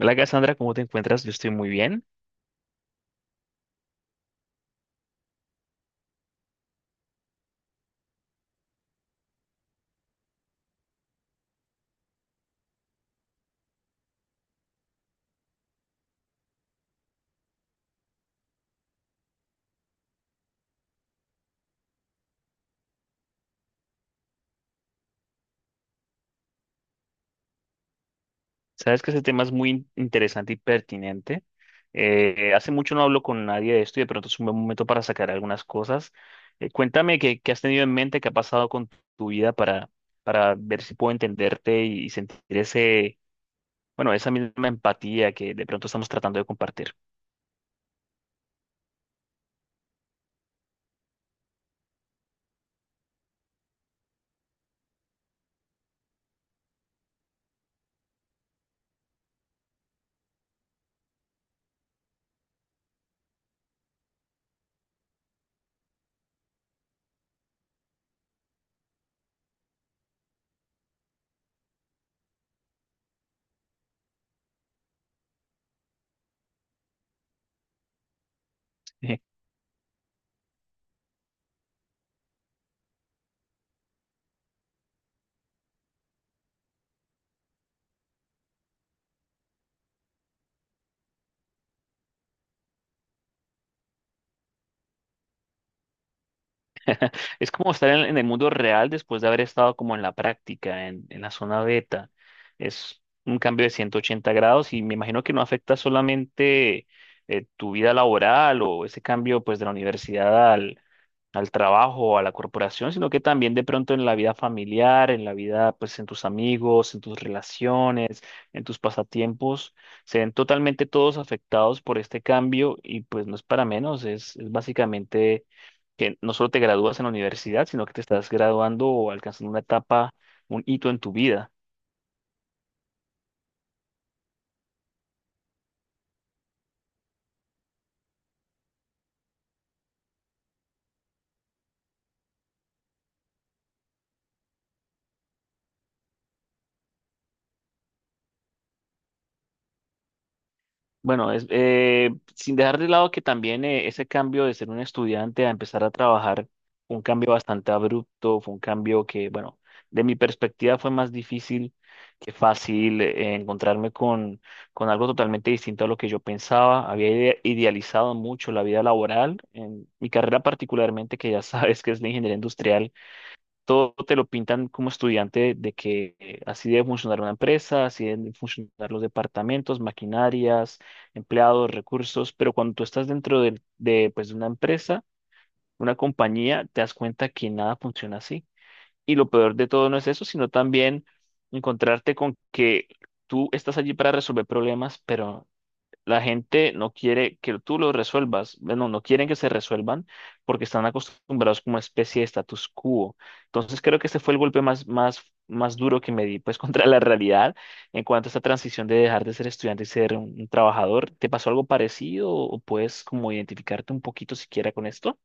Hola Cassandra, ¿cómo te encuentras? Yo estoy muy bien. Sabes que ese tema es muy interesante y pertinente. Hace mucho no hablo con nadie de esto y de pronto es un buen momento para sacar algunas cosas. Cuéntame qué has tenido en mente, qué ha pasado con tu vida para ver si puedo entenderte y sentir bueno, esa misma empatía que de pronto estamos tratando de compartir. Es como estar en el mundo real después de haber estado como en la práctica, en la zona beta. Es un cambio de 180 grados y me imagino que no afecta solamente tu vida laboral o ese cambio pues de la universidad al trabajo o a la corporación, sino que también de pronto en la vida familiar, en la vida, pues en tus amigos, en tus relaciones, en tus pasatiempos, se ven totalmente todos afectados por este cambio y pues no es para menos, es básicamente que no solo te gradúas en la universidad, sino que te estás graduando o alcanzando una etapa, un hito en tu vida. Bueno, sin dejar de lado que también ese cambio de ser un estudiante a empezar a trabajar fue un cambio bastante abrupto, fue un cambio que, bueno, de mi perspectiva fue más difícil que fácil, encontrarme con algo totalmente distinto a lo que yo pensaba. Había idealizado mucho la vida laboral, en mi carrera particularmente, que ya sabes que es la ingeniería industrial. Todo te lo pintan como estudiante de que así debe funcionar una empresa, así deben funcionar los departamentos, maquinarias, empleados, recursos, pero cuando tú estás dentro de, pues, de una empresa, una compañía, te das cuenta que nada funciona así. Y lo peor de todo no es eso, sino también encontrarte con que tú estás allí para resolver problemas, pero la gente no quiere que tú lo resuelvas, bueno, no quieren que se resuelvan porque están acostumbrados como una especie de status quo. Entonces creo que este fue el golpe más duro que me di, pues, contra la realidad en cuanto a esta transición de dejar de ser estudiante y ser un trabajador. ¿Te pasó algo parecido o puedes como identificarte un poquito siquiera con esto?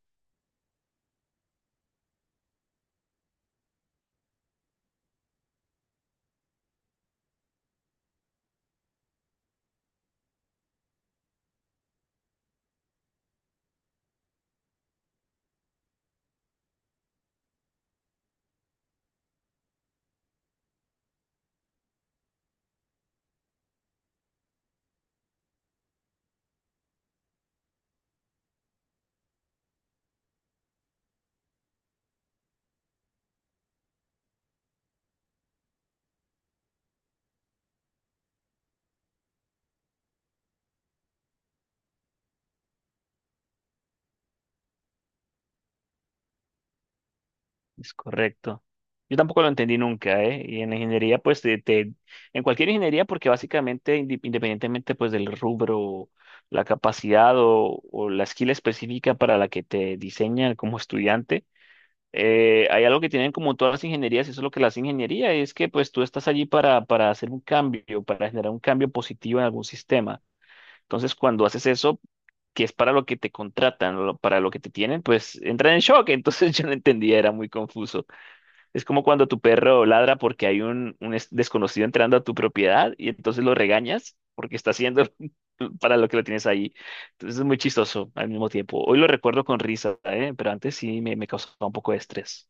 Es correcto. Yo tampoco lo entendí nunca, ¿eh? Y en la ingeniería, pues, en cualquier ingeniería, porque básicamente, independientemente, pues, del rubro, la capacidad o la skill específica para la que te diseñan como estudiante, hay algo que tienen como todas las ingenierías, y eso es lo que las ingeniería, es que, pues, tú estás allí para hacer un cambio, para generar un cambio positivo en algún sistema. Entonces, cuando haces eso, que es para lo que te contratan, para lo que te tienen, pues, entran en shock. Entonces, yo no entendía, era muy confuso. Es como cuando tu perro ladra porque hay un desconocido entrando a tu propiedad y entonces lo regañas porque está haciendo para lo que lo tienes ahí. Entonces es muy chistoso al mismo tiempo. Hoy lo recuerdo con risa, ¿eh? Pero antes sí me causaba un poco de estrés.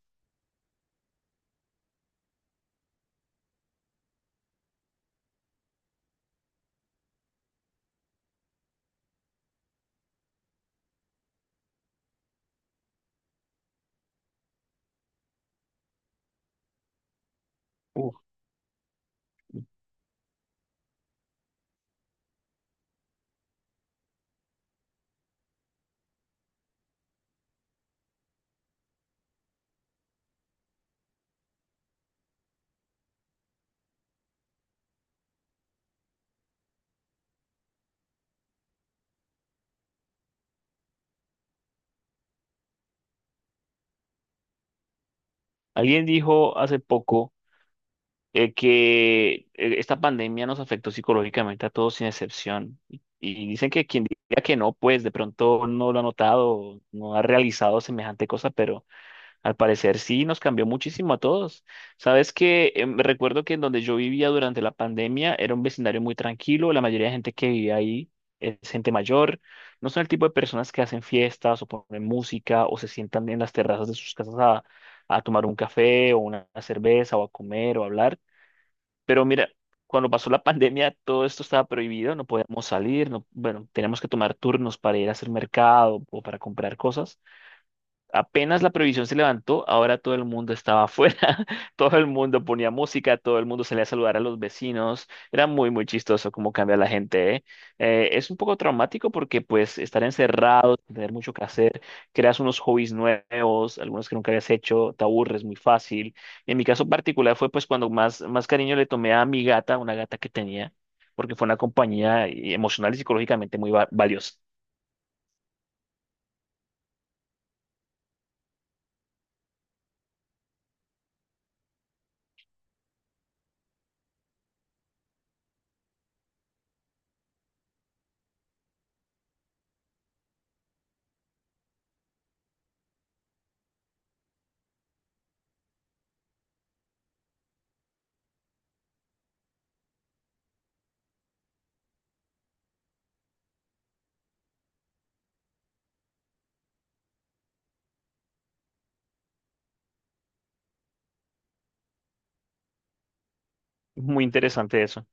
Uf. Alguien dijo hace poco que esta pandemia nos afectó psicológicamente a todos sin excepción. Y dicen que quien diga que no, pues de pronto no lo ha notado, no ha realizado semejante cosa, pero... Al parecer sí, nos cambió muchísimo a todos. Sabes que, me recuerdo que en donde yo vivía durante la pandemia era un vecindario muy tranquilo, la mayoría de gente que vivía ahí es gente mayor, no son el tipo de personas que hacen fiestas o ponen música o se sientan en las terrazas de sus casas a tomar un café o una cerveza o a comer o a hablar. Pero mira, cuando pasó la pandemia todo esto estaba prohibido, no podíamos salir, no, bueno, teníamos que tomar turnos para ir a hacer mercado o para comprar cosas. Apenas la prohibición se levantó, ahora todo el mundo estaba afuera, todo el mundo ponía música, todo el mundo salía a saludar a los vecinos, era muy, muy chistoso cómo cambia la gente, ¿eh? Es un poco traumático porque pues estar encerrado, tener mucho que hacer, creas unos hobbies nuevos, algunos que nunca habías hecho, te aburres muy fácil. En mi caso particular fue pues cuando más cariño le tomé a mi gata, una gata que tenía, porque fue una compañía, emocional y psicológicamente muy valiosa. Muy interesante eso.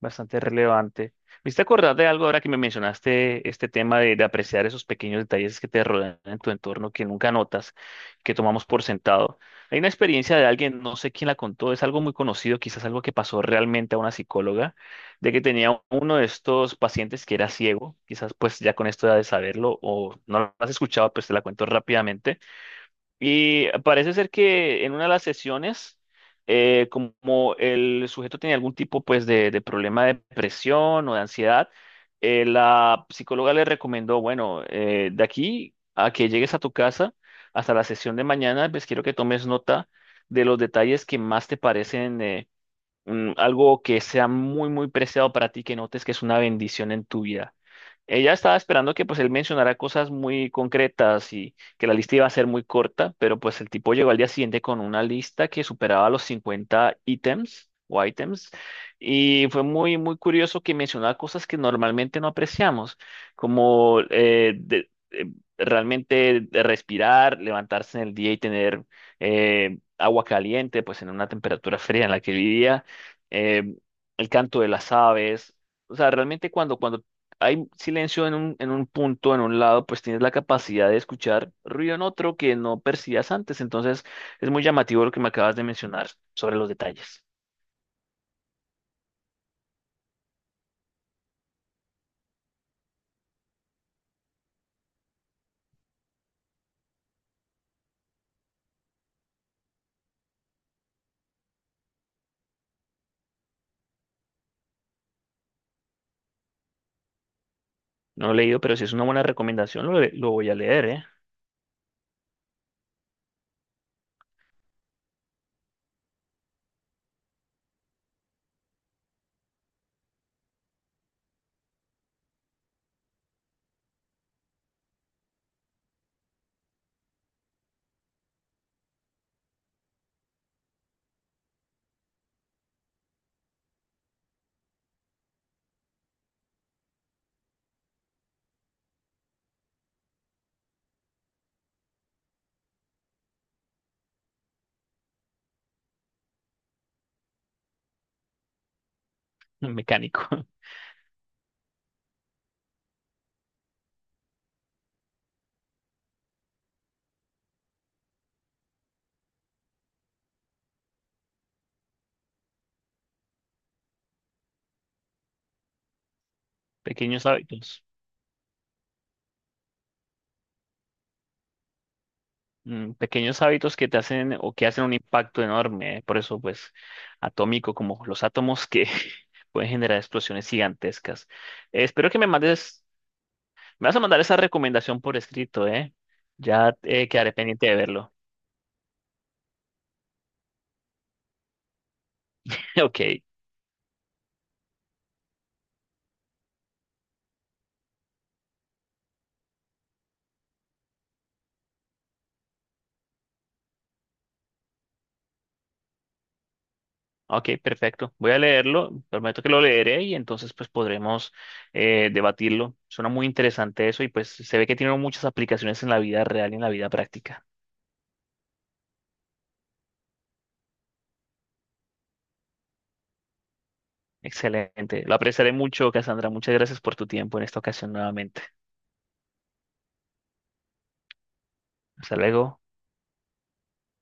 Bastante relevante. ¿Me hiciste acordar de algo ahora que me mencionaste este tema de apreciar esos pequeños detalles que te rodean en tu entorno que nunca notas, que tomamos por sentado? Hay una experiencia de alguien, no sé quién la contó, es algo muy conocido, quizás algo que pasó realmente a una psicóloga, de que tenía uno de estos pacientes que era ciego, quizás pues ya con esto ya de saberlo o no lo has escuchado, pues te la cuento rápidamente. Y parece ser que en una de las sesiones, como el sujeto tenía algún tipo pues de problema de depresión o de ansiedad, la psicóloga le recomendó, bueno, de aquí a que llegues a tu casa hasta la sesión de mañana, pues quiero que tomes nota de los detalles que más te parecen algo que sea muy, muy preciado para ti, que notes que es una bendición en tu vida. Ella estaba esperando que pues él mencionara cosas muy concretas y que la lista iba a ser muy corta, pero pues el tipo llegó al día siguiente con una lista que superaba los 50 ítems o ítems, y fue muy, muy curioso que mencionaba cosas que normalmente no apreciamos, como realmente de respirar, levantarse en el día y tener, agua caliente, pues en una temperatura fría en la que vivía, eh, el canto de las aves. O sea, realmente cuando hay silencio en en un punto, en un lado, pues tienes la capacidad de escuchar ruido en otro que no percibías antes. Entonces, es muy llamativo lo que me acabas de mencionar sobre los detalles. No lo he leído, pero si es una buena recomendación, lo voy a leer, ¿eh? Mecánico. Pequeños hábitos. Mm, pequeños hábitos que te hacen o que hacen un impacto enorme, ¿eh? Por eso, pues, atómico, como los átomos que pueden generar explosiones gigantescas. Espero que me mandes. Me vas a mandar esa recomendación por escrito, ¿eh? Ya, quedaré pendiente de verlo. Ok, ok, perfecto. Voy a leerlo, prometo que lo leeré y entonces pues podremos, debatirlo. Suena muy interesante eso y pues se ve que tiene muchas aplicaciones en la vida real y en la vida práctica. Excelente. Lo apreciaré mucho, Cassandra. Muchas gracias por tu tiempo en esta ocasión nuevamente. Hasta luego.